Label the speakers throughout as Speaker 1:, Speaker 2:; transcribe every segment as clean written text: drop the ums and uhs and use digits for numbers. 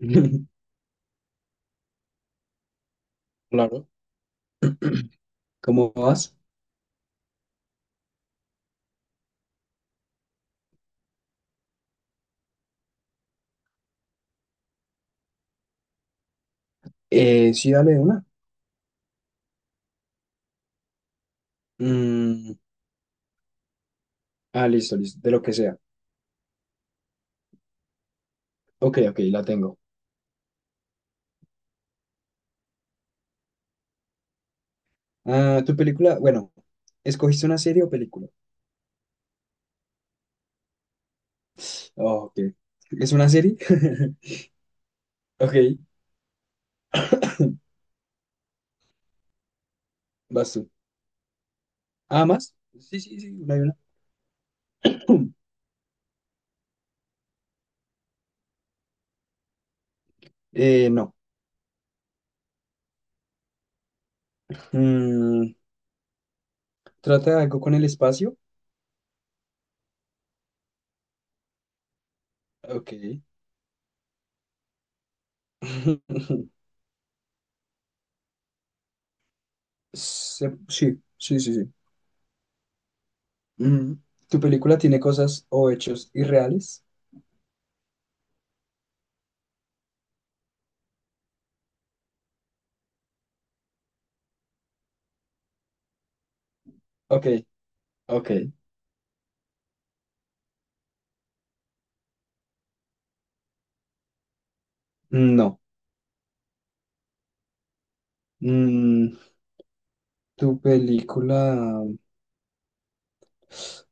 Speaker 1: Claro. ¿Cómo vas? Sí, dale una. Mm, ah, listo, listo, de lo que sea. Ok, ok, la tengo. Ah, tu película, bueno, ¿Escogiste una serie o película? Oh, ok. ¿Es una serie? Ok, vas tú. ¿Ah, más? Sí, sí, sí, una y una. No. Mm, ¿Trata de algo con el espacio? Ok. Sí, sí, sí, sí. Mm, ¿Tu película tiene cosas o hechos irreales? Ok, ok. No. Mm, Tu película,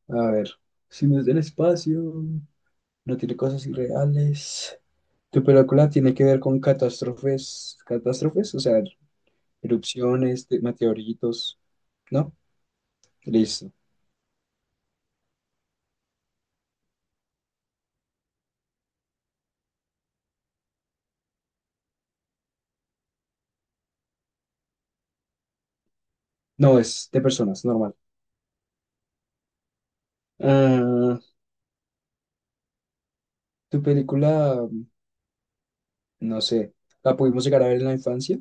Speaker 1: a ver, si no es del espacio, no tiene cosas irreales. Tu película tiene que ver con catástrofes, catástrofes, o sea, erupciones, meteoritos, ¿no? Listo. No, es de personas, normal. Ah, tu película, no sé, la pudimos llegar a ver en la infancia.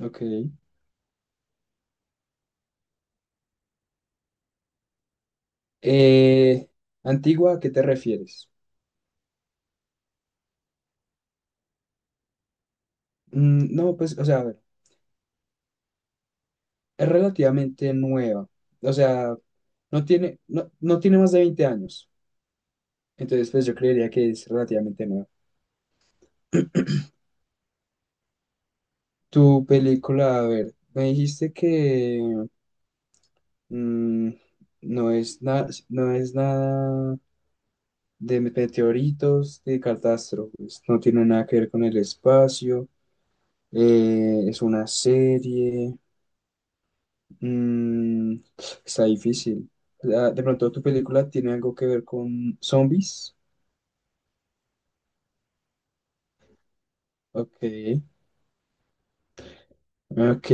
Speaker 1: Ok. Eh, Antigua, ¿a qué te refieres? No, pues, o sea, a ver. Es relativamente nueva. O sea, no tiene, no, no tiene más de 20 años. Entonces, pues yo creería que es relativamente nueva. Tu película, a ver, me dijiste que mm, no es nada, no es nada de meteoritos, de catástrofes, no tiene nada que ver con el espacio, es una serie, mm, está difícil. De pronto tu película tiene algo que ver con zombies. Ok, ok,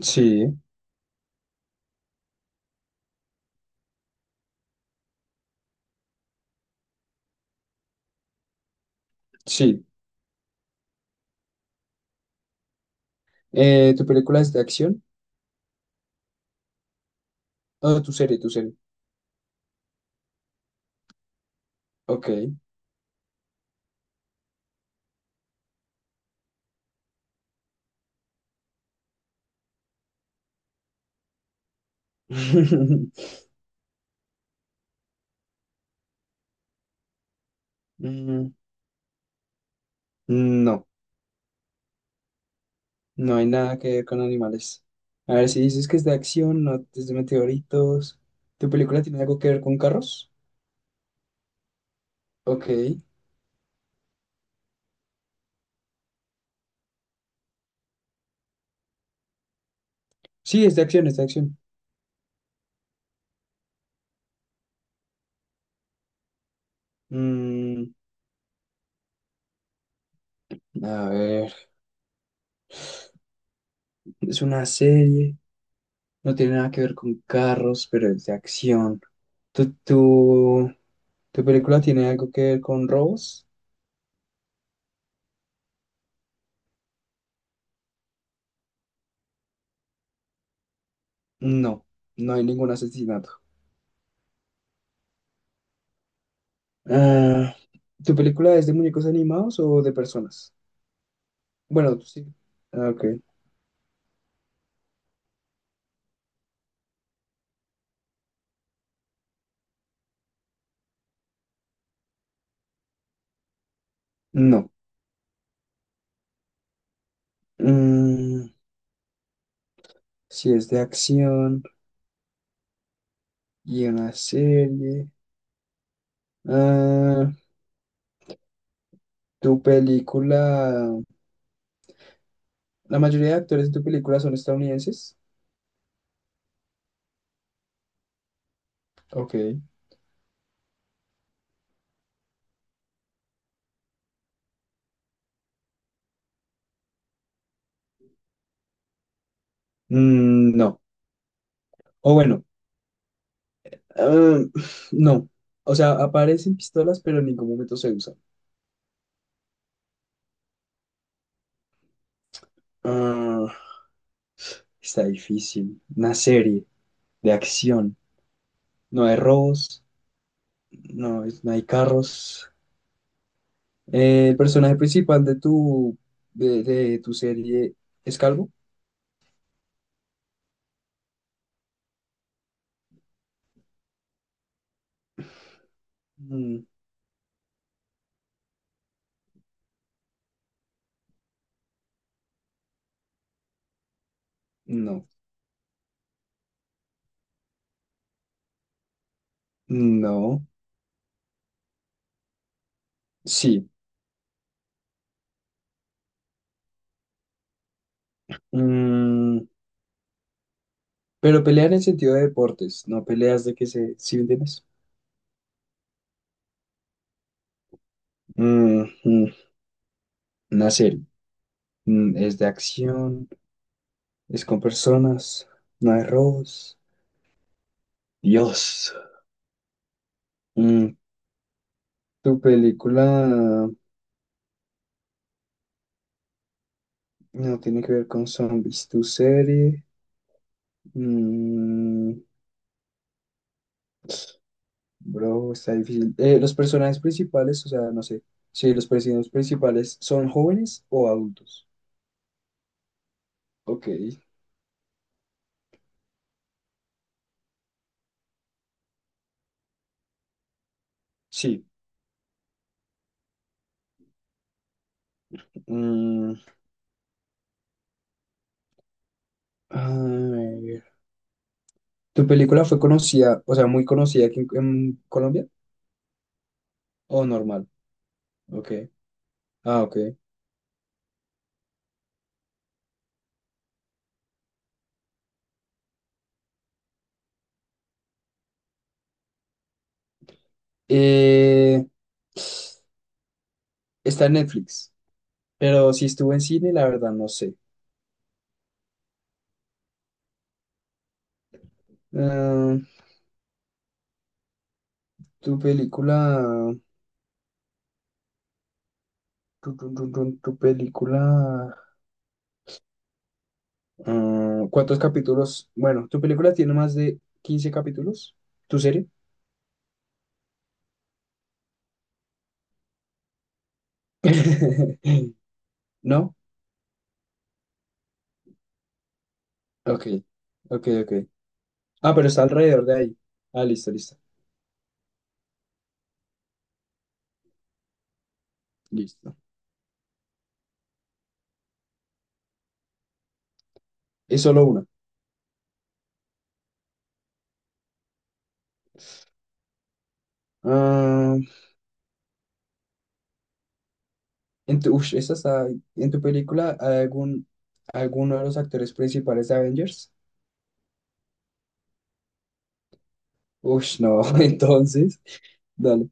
Speaker 1: sí, sí. ¿Tu película es de acción? Oh, tu serie, tu serie. Ok. Mm, No, no hay nada que ver con animales. A ver, si dices que es de acción, no es de meteoritos. ¿Tu película tiene algo que ver con carros? Ok. Sí, es de acción, es de acción. Mm, a ver, es una serie, no tiene nada que ver con carros, pero es de acción. ¿Tu, tu, tu película tiene algo que ver con robos? No, no hay ningún asesinato. Ah, ¿Tu película es de muñecos animados o de personas? Bueno, tú sí. Ah, ok. No. Mm, si es de acción y una serie. Ah, ¿tu película... La mayoría de actores de tu película son estadounidenses? Ok. No. O bueno, ah, no. O sea, aparecen pistolas, pero en ningún momento se usan. Ah, está difícil. Una serie de acción. No hay robos, no, no hay carros. ¿El personaje principal de tu serie es calvo? Mm, no, no, sí. Mm, pero pelea en el sentido de deportes, no peleas de que se, ¿sí me entiendes? Mm, mm, una serie. Es de acción, es con personas, no hay robos. Dios. Mm, Tu película no tiene que ver con zombies, tu serie. mm, Bro, está difícil. Los personajes principales, o sea, no sé. Sí, los personajes principales son jóvenes o adultos. Ok, sí. Mm, a ver. ¿Tu película fue conocida, o sea, muy conocida aquí en, Colombia? ¿O normal? Ok. Ah, ok. Eh, Está en Netflix, pero si estuvo en cine, la verdad no sé. Ah, tu película, tu película. ¿Cuántos capítulos? Bueno, ¿tu película tiene más de 15 capítulos? ¿Tu serie? ¿No? Ok, ok, ok. Ah, pero está alrededor de ahí. Ah, listo, listo, listo. Es solo una. Ah, en tu, ush, esta está- ¿En tu película hay algún, alguno de los actores principales de Avengers? Ush, no, entonces, dale.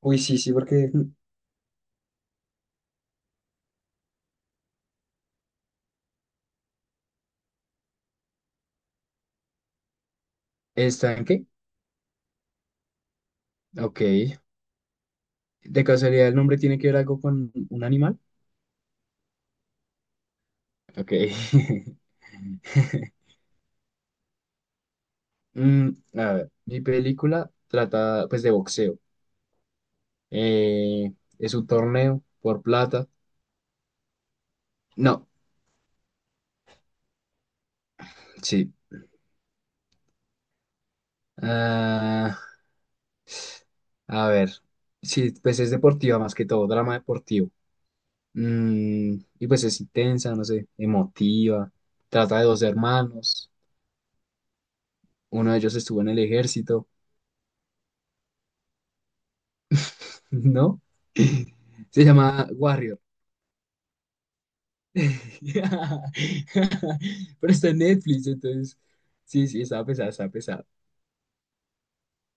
Speaker 1: Uy, sí, sí, porque... ¿Está en qué? Ok. ¿De casualidad el nombre tiene que ver algo con un animal? Ok. Mm, a ver, mi película trata pues de boxeo. Eh, es un torneo por plata. No, sí. Ah, a ver, sí, pues es deportiva más que todo, drama deportivo. Y pues es intensa, no sé, emotiva. Trata de dos hermanos. Uno de ellos estuvo en el ejército, ¿no? Se llama Warrior. Pero está en Netflix, entonces. Sí, sí, está pesada, está pesada.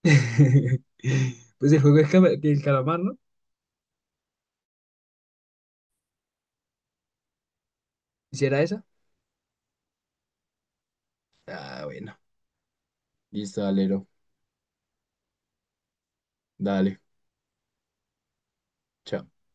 Speaker 1: Pues el juego del calamar, ¿no? ¿Hiciera esa? Ah, bueno. Listo, alero. Dale. Chao.